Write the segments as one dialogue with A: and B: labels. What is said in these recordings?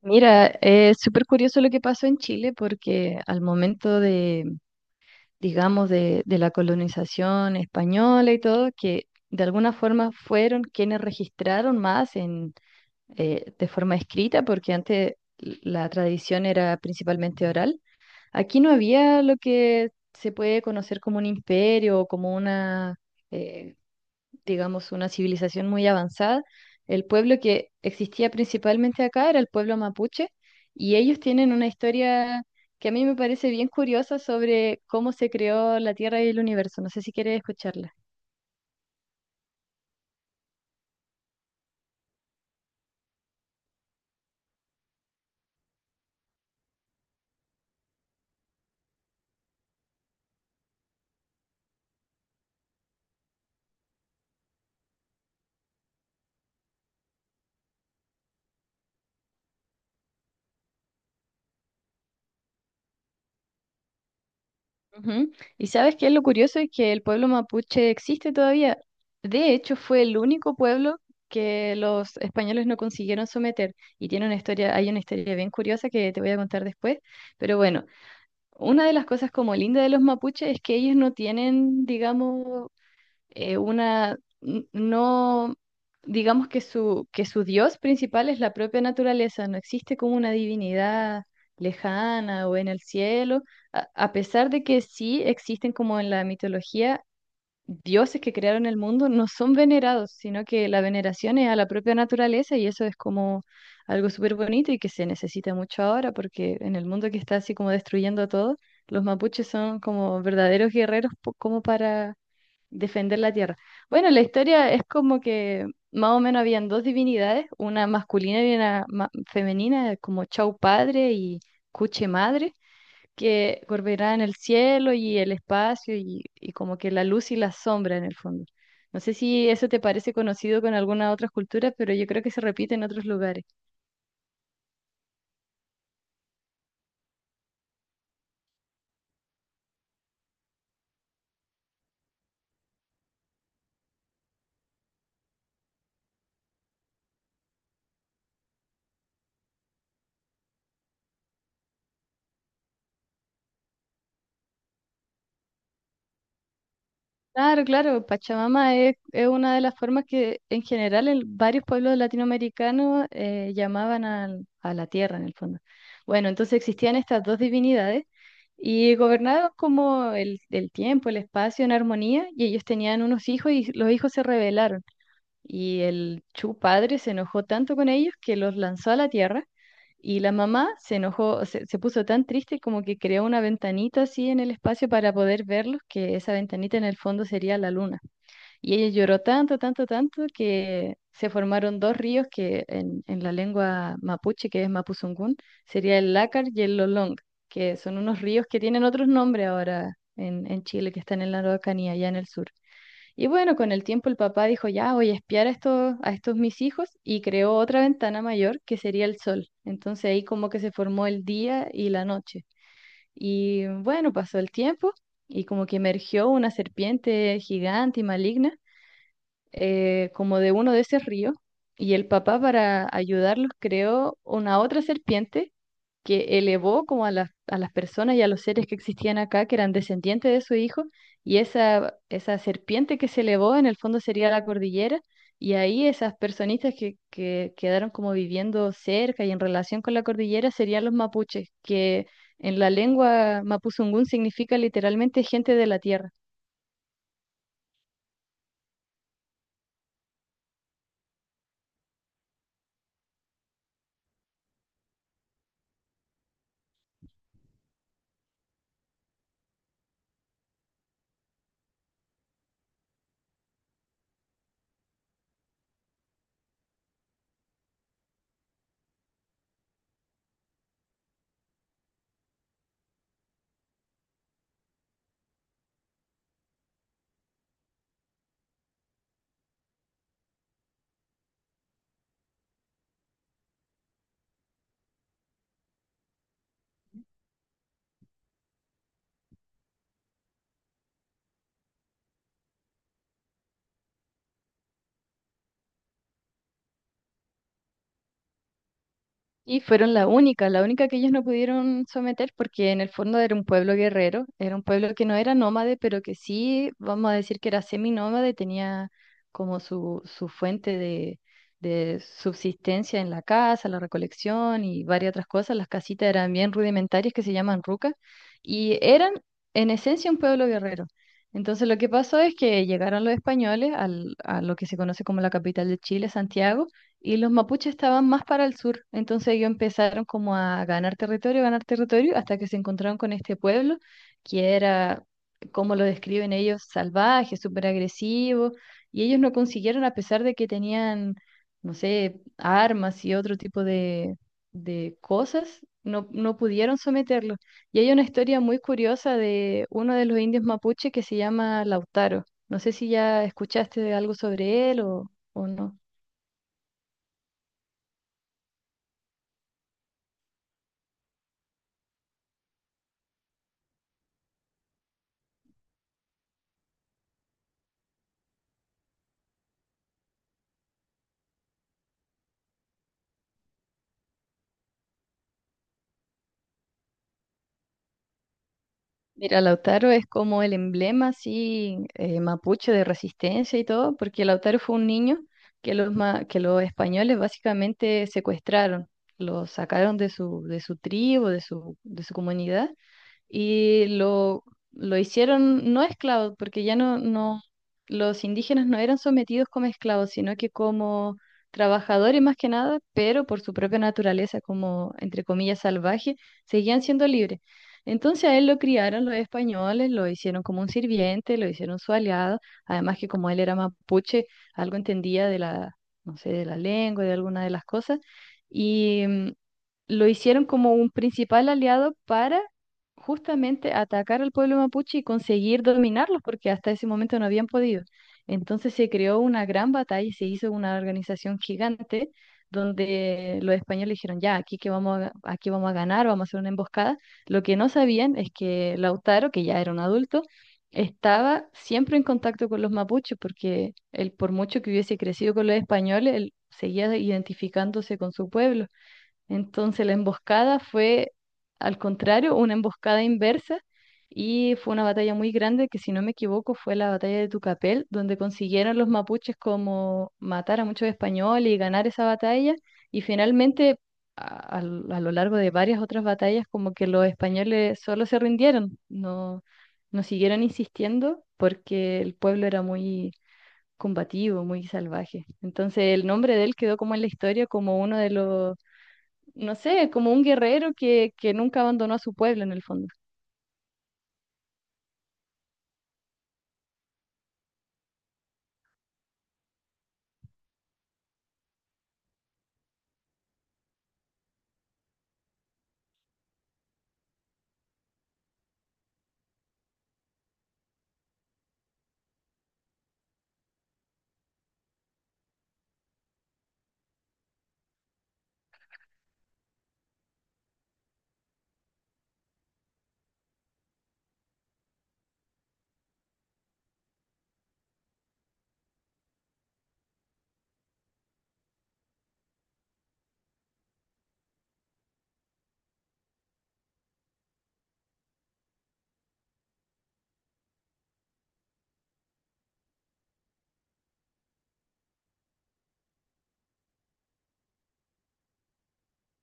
A: Mira, es súper curioso lo que pasó en Chile porque al momento digamos, de la colonización española y todo, que de alguna forma fueron quienes registraron más de forma escrita, porque antes la tradición era principalmente oral. Aquí no había lo que se puede conocer como un imperio o como eh, digamos, una civilización muy avanzada. El pueblo que existía principalmente acá era el pueblo mapuche y ellos tienen una historia que a mí me parece bien curiosa sobre cómo se creó la Tierra y el universo. No sé si quieres escucharla. Ujú. Y sabes qué es lo curioso es que el pueblo mapuche existe todavía. De hecho, fue el único pueblo que los españoles no consiguieron someter. Y tiene una historia, hay una historia bien curiosa que te voy a contar después. Pero bueno, una de las cosas como linda de los mapuches es que ellos no tienen, digamos, una, n- no, digamos que que su dios principal es la propia naturaleza, no existe como una divinidad lejana o en el cielo, a pesar de que sí existen como en la mitología dioses que crearon el mundo no son venerados, sino que la veneración es a la propia naturaleza y eso es como algo súper bonito y que se necesita mucho ahora porque en el mundo que está así como destruyendo todo, los mapuches son como verdaderos como para defender la tierra. Bueno, la historia es como que más o menos habían dos divinidades, una masculina y una femenina, como Chau Padre y Cuche Madre que en el cielo y el espacio y como que la luz y la sombra en el fondo. No sé si eso te parece conocido con alguna otra cultura, pero yo creo que se repite en otros lugares. Claro, claro, Pachamama es una de las formas que en general en varios pueblos latinoamericanos a la tierra en el fondo. Bueno, entonces existían estas dos divinidades y gobernaban como el tiempo, el espacio en armonía y ellos tenían unos hijos y los hijos se rebelaron. Y el Chu padre se enojó tanto con ellos que los lanzó a la tierra. Y la mamá se enojó, se puso tan triste como que creó una ventanita así en el espacio para poder verlos, que esa ventanita en el fondo sería la luna. Y ella lloró tanto, tanto, tanto que se formaron dos ríos que en la lengua mapuche, que es Mapuzungún, sería el Lácar y el Lolong, que son unos ríos que tienen otros nombres ahora en Chile, que están en la Araucanía, allá en el sur. Y bueno, con el tiempo el papá dijo, ya voy a espiar a estos mis hijos y creó otra ventana mayor que sería el sol. Entonces ahí como que se formó el día y la noche. Y bueno, pasó el tiempo y como que emergió una serpiente gigante y maligna como de uno de esos ríos. Y el papá para ayudarlos creó una otra serpiente que elevó como a a las personas y a los seres que existían acá, que eran descendientes de su hijo, y esa serpiente que se elevó en el fondo sería la cordillera, y ahí esas personitas que quedaron como viviendo cerca y en relación con la cordillera serían los mapuches, que en la lengua mapuzungún significa literalmente gente de la tierra. Y fueron la única que ellos no pudieron someter porque en el fondo era un pueblo guerrero, era un pueblo que no era nómade, pero que sí, vamos a decir que era seminómade, tenía como su fuente de subsistencia en la casa, la recolección y varias otras cosas. Las casitas eran bien rudimentarias que se llaman rucas y eran en esencia un pueblo guerrero. Entonces lo que pasó es que llegaron los españoles a lo que se conoce como la capital de Chile, Santiago, y los mapuches estaban más para el sur. Entonces ellos empezaron como a ganar territorio, hasta que se encontraron con este pueblo, que era, como lo describen ellos, salvaje, súper agresivo, y ellos no consiguieron, a pesar de que tenían, no sé, armas y otro tipo de cosas. No, no pudieron someterlos. Y hay una historia muy curiosa de uno de los indios mapuche que se llama Lautaro. No sé si ya escuchaste algo sobre él o no. Mira, Lautaro es como el emblema así mapuche de resistencia y todo, porque Lautaro fue un niño que que los españoles básicamente secuestraron, lo sacaron de su tribu, de su comunidad y lo, lo hicieron no esclavos, porque no, los indígenas no eran sometidos como esclavos, sino que como trabajadores más que nada, pero por su propia naturaleza, como entre comillas salvaje, seguían siendo libres. Entonces a él lo criaron los españoles, lo hicieron como un sirviente, lo hicieron su aliado, además que como él era mapuche, algo entendía de no sé, de la lengua, de alguna de las cosas. Y lo hicieron como un principal aliado para justamente atacar al pueblo mapuche y conseguir dominarlos, porque hasta ese momento no habían podido. Entonces se creó una gran batalla y se hizo una organización gigante donde los españoles dijeron, ya, aquí vamos a ganar, vamos a hacer una emboscada. Lo que no sabían es que Lautaro, que ya era un adulto, estaba siempre en contacto con los mapuches, porque él, por mucho que hubiese crecido con los españoles, él seguía identificándose con su pueblo. Entonces la emboscada fue, al contrario, una emboscada inversa y fue una batalla muy grande que, si no me equivoco, fue la batalla de Tucapel, donde consiguieron los mapuches como matar a muchos españoles y ganar esa batalla. Y finalmente, a lo largo de varias otras batallas, como que los españoles solo se rindieron, no, no siguieron insistiendo porque el pueblo era muy combativo, muy salvaje. Entonces el nombre de él quedó como en la historia como uno de los no sé, como un guerrero que nunca abandonó a su pueblo en el fondo.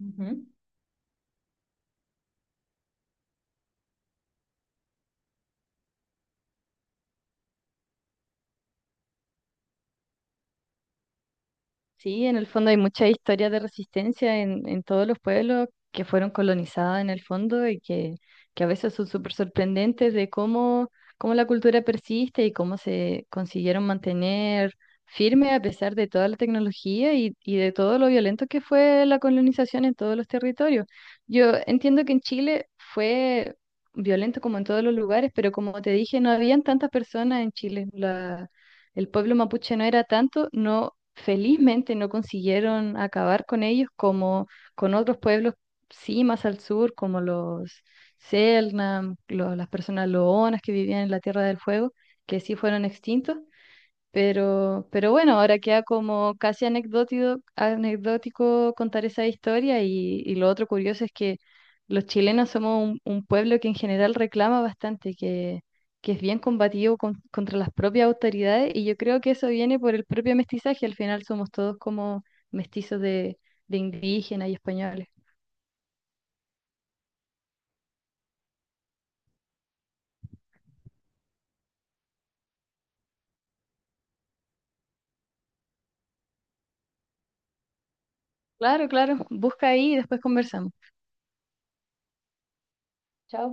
A: Ujú. Sí, en el fondo hay mucha historia de resistencia en todos los pueblos que fueron colonizados en el fondo y que a veces son súper sorprendentes de cómo, cómo la cultura persiste y cómo se consiguieron mantener firme a pesar de toda la tecnología y de todo lo violento que fue la colonización en todos los territorios. Yo entiendo que en Chile fue violento como en todos los lugares, pero como te dije, no habían tantas personas en Chile. La, el pueblo mapuche no era tanto, no, felizmente no consiguieron acabar con ellos como con otros pueblos, sí, más al sur, como los Selknam, las personas loonas que vivían en la Tierra del Fuego, que sí fueron extintos, pero bueno, ahora queda como casi anecdótico, anecdótico contar esa historia y lo otro curioso es que los chilenos somos un pueblo que en general reclama bastante, que es bien combativo contra las propias autoridades y yo creo que eso viene por el propio mestizaje, al final somos todos como mestizos de indígenas y españoles. Claro, claro, busca ahí y después conversamos. Chao.